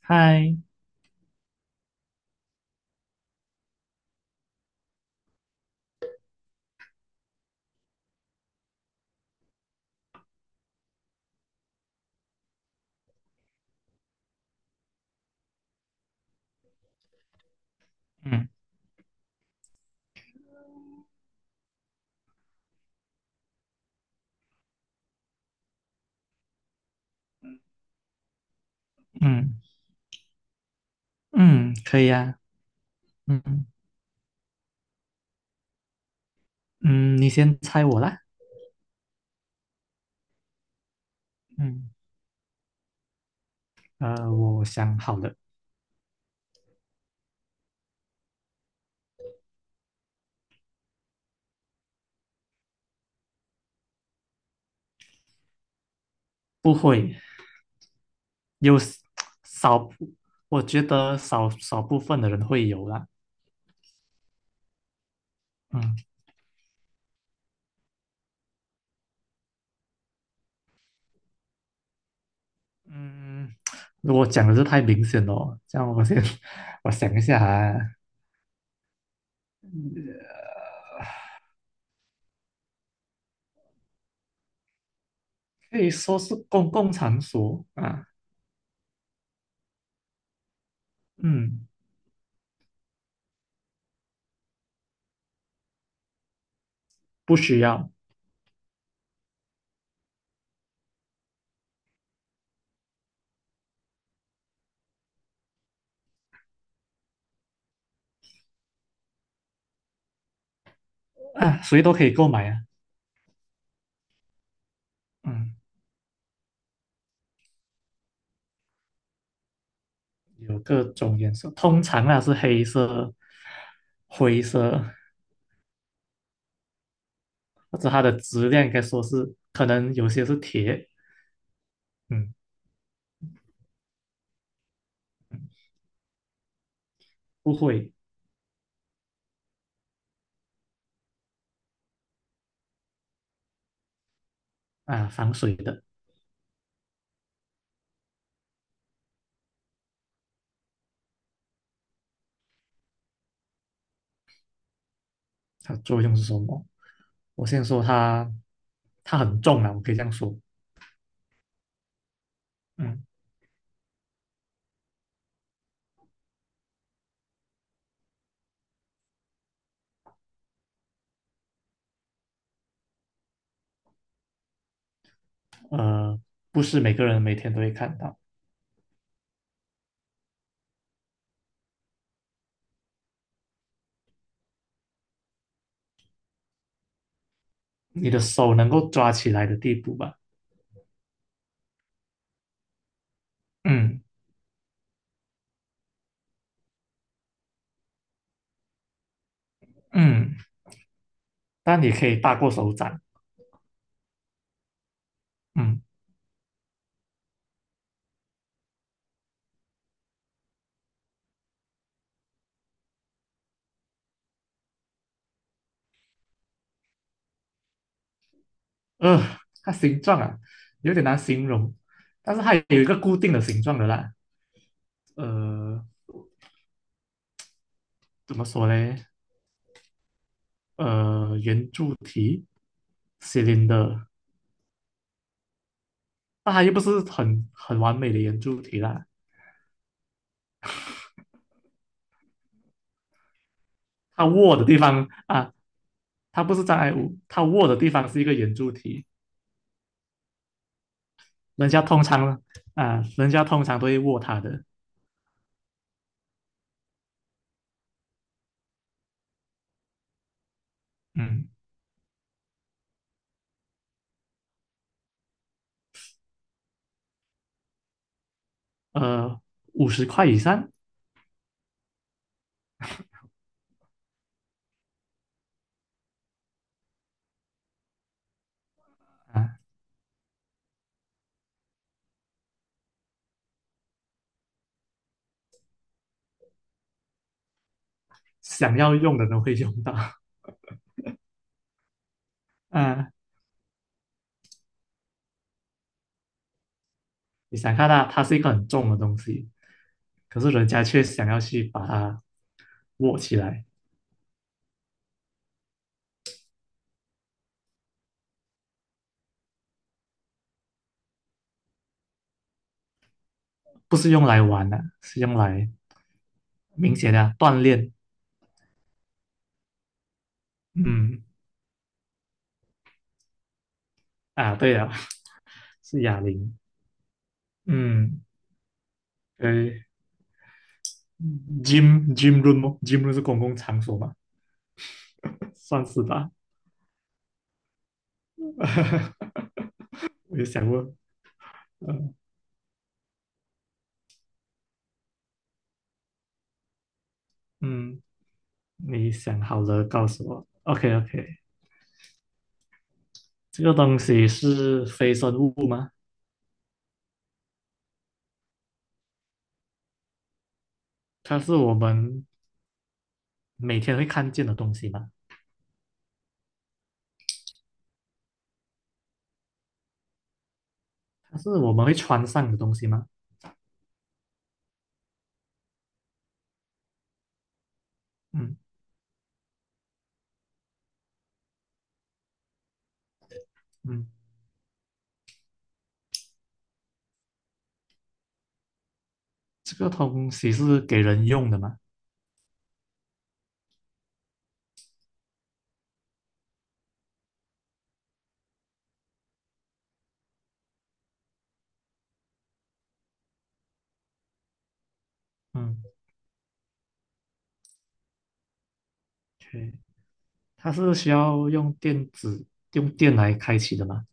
嗨，嗯嗯，可以呀、嗯嗯，你先猜我啦。嗯我想好了。不会。有 s- 少部我觉得少少部分的人会有啦。嗯嗯，如果讲的是太明显了，这样我想一下啊。可以说是公共场所啊。嗯，不需要。啊，谁都可以购买啊。嗯，有各种颜色，通常啊是黑色、灰色。或者它的质量应该说是可能有些是铁。嗯，不会。啊，防水的。它作用是什么？我先说它，它很重啊，我可以这样说。嗯，呃，不是每个人每天都会看到。你的手能够抓起来的地步吧。嗯嗯，但你可以大过手掌。嗯，呃，它形状啊有点难形容，但是它有一个固定的形状的啦。呃，怎么说嘞？圆柱体，cylinder。那它又不是很完美的圆柱体啦。它握的地方啊，它不是障碍物，它握的地方是一个圆柱体。人家通常人家通常都会握它的。嗯，呃，50块以上。啊，想要用的都会用到。啊，你想看它，它是一个很重的东西，可是人家却想要去把它握起来。不是用来玩的、是用来明显的锻炼。嗯。啊，对啊，是哑铃。嗯，对，gym room 吗？gym room 是公共场所吗？算是吧。我有想过。呃，嗯，你想好了告诉我。OK OK。这个东西是非生物吗？它是我们每天会看见的东西吗？它是我们会穿上的东西吗？嗯嗯，这个东西是给人用的吗？嗯，OK，它是需要用电来开启的吗？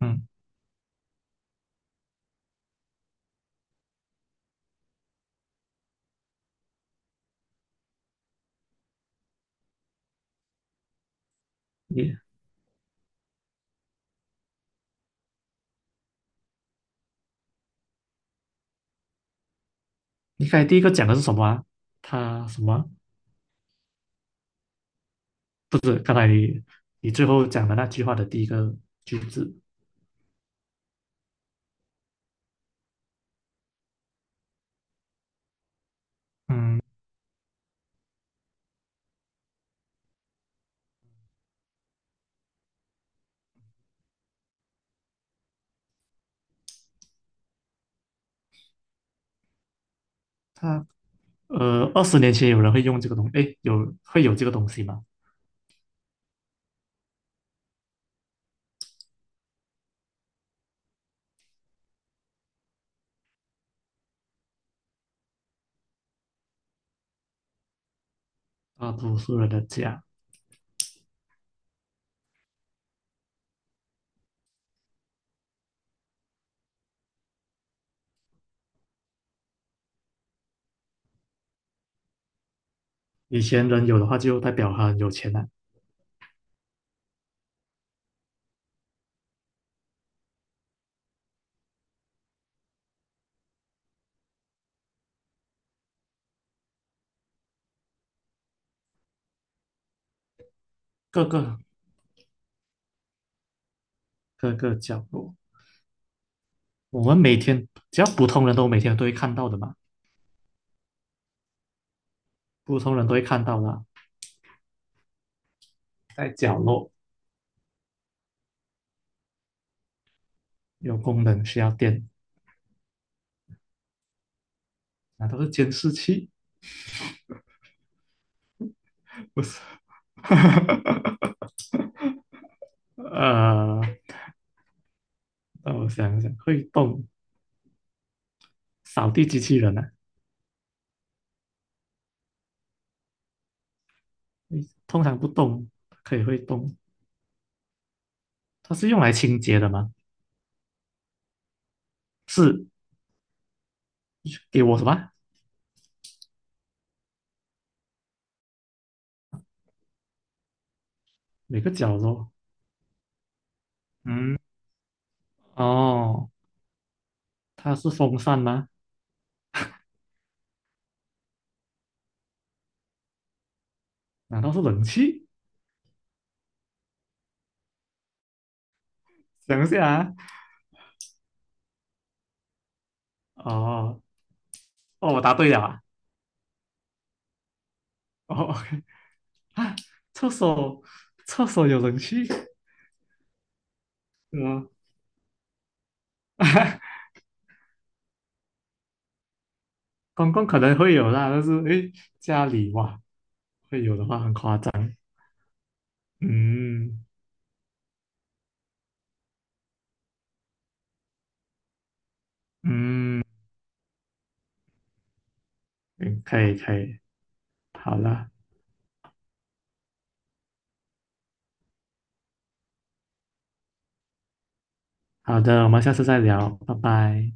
嗯。你你刚才第一个讲的是什么啊？他什么？不是，刚才你最后讲的那句话的第一个句子。嗯，他20年前有人会用这个东西，诶，有会有这个东西吗？啊，多数人的家。以前人有的话，就代表他很有钱了。各个各个角落，我们每天只要普通人都每天都会看到的嘛。普通人都会看到的啊，在角落有功能需要电，那都是监视器。不是？呃，让我想想，会动扫地机器人啊。诶，通常不动，可以会动。它是用来清洁的吗？是给我什么？每个角落？嗯，哦，它是风扇吗？难道是冷气？等一下啊，哦哦，我答对了啊，哦，OK。 啊，厕所厕所有冷气。嗯，公共可能会有啦，但是诶，家里哇，会有的话很夸张。嗯嗯，嗯可以可以。好了。好的，我们下次再聊，拜拜。